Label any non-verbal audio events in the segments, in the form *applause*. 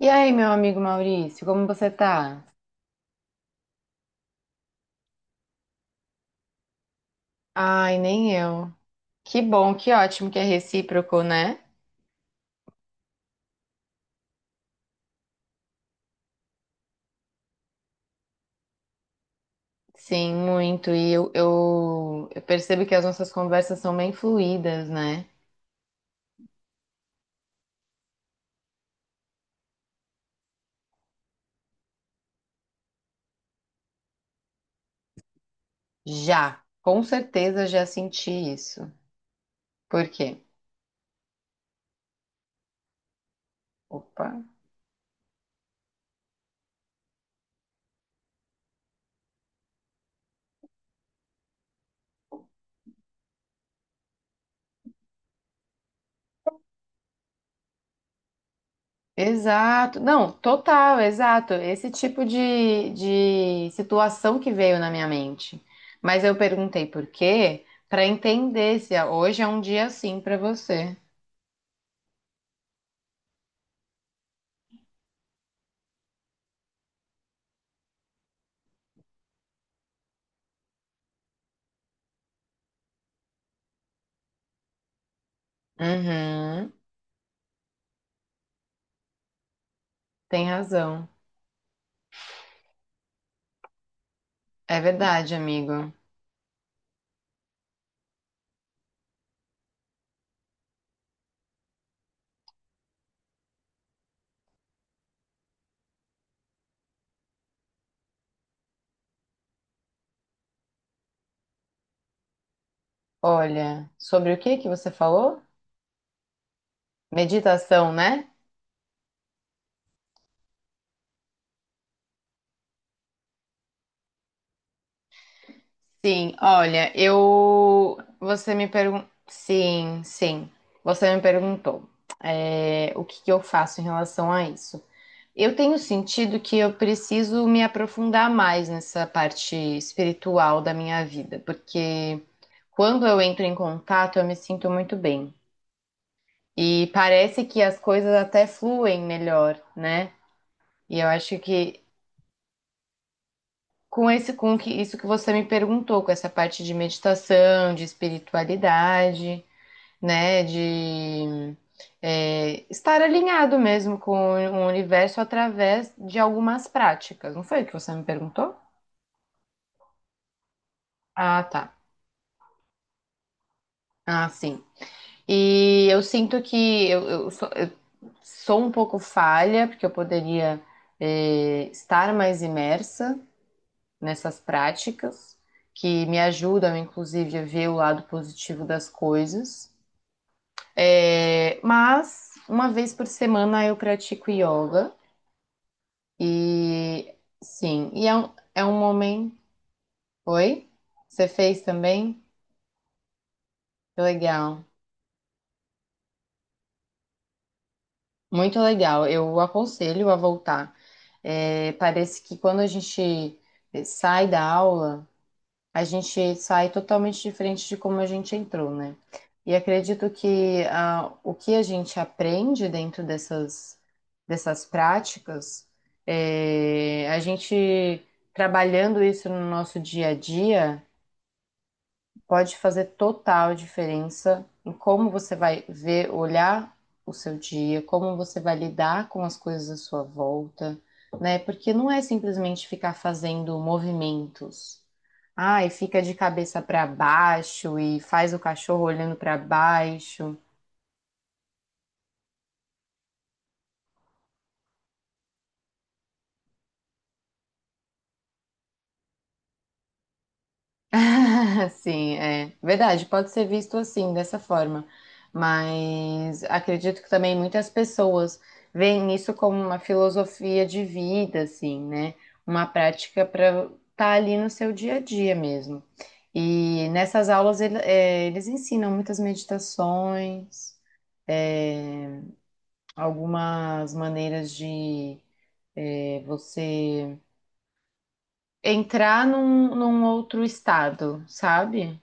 E aí, meu amigo Maurício, como você tá? Ai, nem eu. Que bom, que ótimo que é recíproco, né? Sim, muito. E eu percebo que as nossas conversas são bem fluídas, né? Já, com certeza já senti isso. Por quê? Opa. Exato. Não, total, exato. Esse tipo de situação que veio na minha mente. Mas eu perguntei por quê, para entender se hoje é um dia assim para você. Uhum. Tem razão. É verdade, amigo. Olha, sobre o que que você falou? Meditação, né? Sim, olha, eu. Você me perguntou. Sim, sim. Você me perguntou, o que que eu faço em relação a isso. Eu tenho sentido que eu preciso me aprofundar mais nessa parte espiritual da minha vida, porque quando eu entro em contato, eu me sinto muito bem. E parece que as coisas até fluem melhor, né? E eu acho que com esse com que isso que você me perguntou, com essa parte de meditação, de espiritualidade, né, de estar alinhado mesmo com o universo através de algumas práticas. Não foi o que você me perguntou? Ah, tá. Ah, sim. E eu sinto que eu sou um pouco falha, porque eu poderia, estar mais imersa nessas práticas, que me ajudam, inclusive, a ver o lado positivo das coisas. É, mas uma vez por semana eu pratico yoga e sim, e é um momento. Oi? Você fez também? Que legal. Muito legal. Eu aconselho a voltar. É, parece que quando a gente sai da aula, a gente sai totalmente diferente de como a gente entrou, né? E acredito que ah, o que a gente aprende dentro dessas, dessas práticas, a gente trabalhando isso no nosso dia a dia, pode fazer total diferença em como você vai ver, olhar o seu dia, como você vai lidar com as coisas à sua volta, né? Porque não é simplesmente ficar fazendo movimentos. Ai, fica de cabeça para baixo e faz o cachorro olhando para baixo. *laughs* Sim, é verdade, pode ser visto assim, dessa forma. Mas acredito que também muitas pessoas veem isso como uma filosofia de vida, assim, né? Uma prática para estar ali no seu dia a dia mesmo. E nessas aulas eles ensinam muitas meditações, algumas maneiras de você entrar num outro estado, sabe?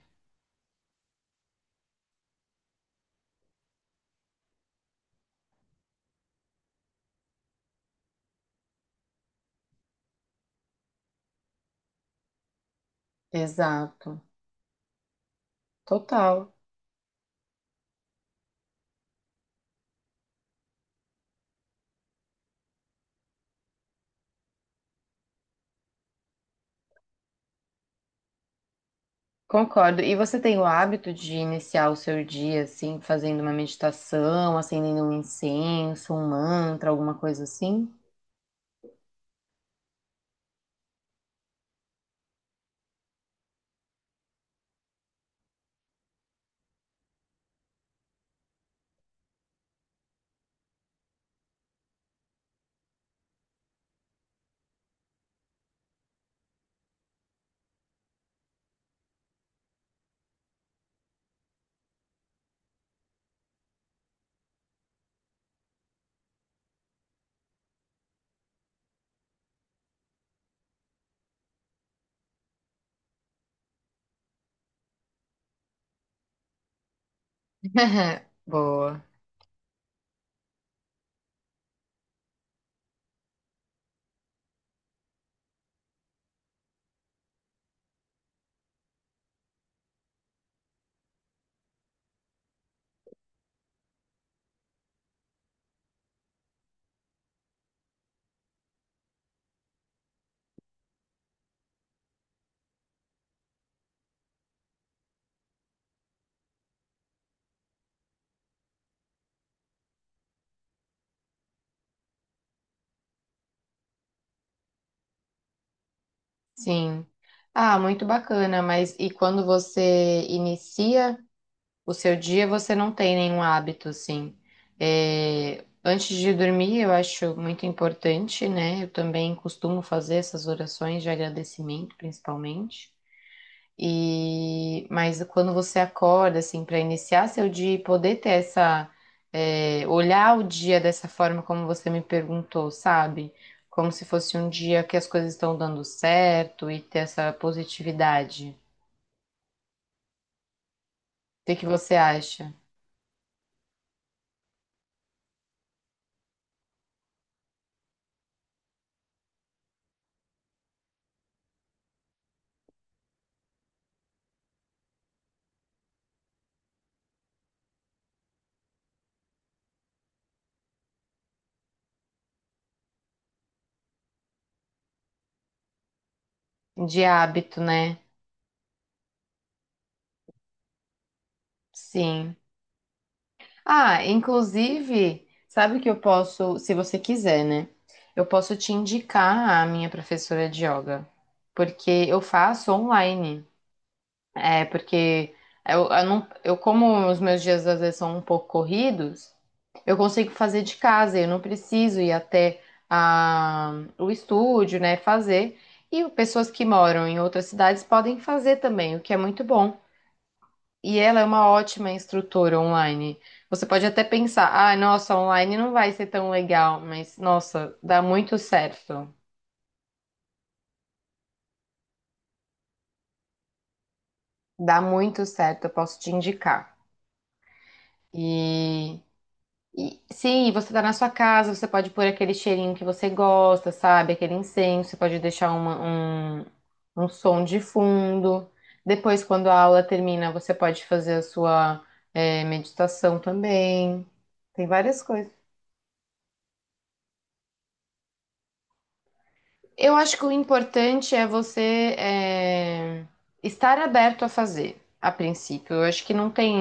Exato, total, concordo. E você tem o hábito de iniciar o seu dia assim, fazendo uma meditação, acendendo um incenso, um mantra, alguma coisa assim? *laughs* Boa, sim. Ah, muito bacana, mas e quando você inicia? O seu dia você não tem nenhum hábito, assim. É, antes de dormir, eu acho muito importante, né? Eu também costumo fazer essas orações de agradecimento, principalmente. E mas quando você acorda, assim, para iniciar seu dia e poder ter essa, olhar o dia dessa forma como você me perguntou, sabe? Como se fosse um dia que as coisas estão dando certo e ter essa positividade. O que que você acha? De hábito, né? Sim. Ah, inclusive, sabe que eu posso, se você quiser, né? Eu posso te indicar a minha professora de yoga, porque eu faço online. É, porque eu não, eu como os meus dias às vezes são um pouco corridos, eu consigo fazer de casa, eu não preciso ir até a, o estúdio, né, fazer. E pessoas que moram em outras cidades podem fazer também, o que é muito bom. E ela é uma ótima instrutora online. Você pode até pensar, ah, nossa, online não vai ser tão legal, mas nossa, dá muito certo. Dá muito certo, eu posso te indicar. E, e sim, você tá na sua casa, você pode pôr aquele cheirinho que você gosta, sabe? Aquele incenso, você pode deixar uma- um, um som de fundo. Depois, quando a aula termina, você pode fazer a sua, meditação também. Tem várias coisas. Eu acho que o importante é estar aberto a fazer, a princípio. Eu acho que não tem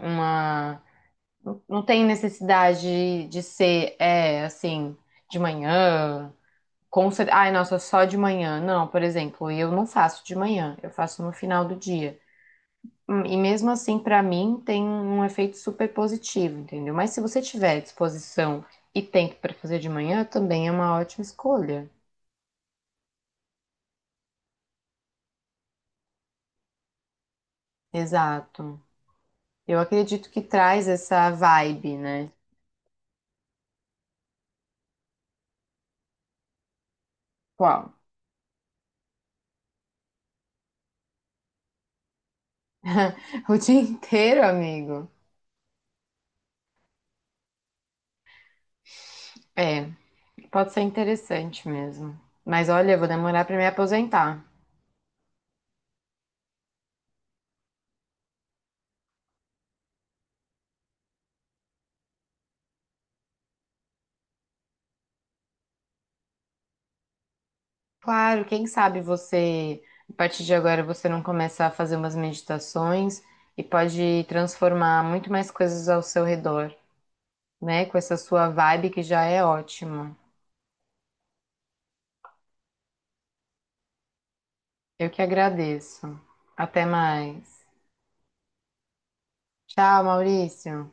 uma, não tem necessidade de ser, assim, de manhã. Com cer- Ai, nossa, só de manhã. Não, por exemplo, eu não faço de manhã, eu faço no final do dia. E mesmo assim, pra mim, tem um efeito super positivo, entendeu? Mas se você tiver disposição e tempo pra fazer de manhã, também é uma ótima escolha. Exato. Eu acredito que traz essa vibe, né? Qual? *laughs* O dia inteiro, amigo. É, pode ser interessante mesmo. Mas olha, eu vou demorar para me aposentar. Claro, quem sabe você, a partir de agora, você não começa a fazer umas meditações e pode transformar muito mais coisas ao seu redor, né? Com essa sua vibe que já é ótima. Eu que agradeço. Até mais. Tchau, Maurício.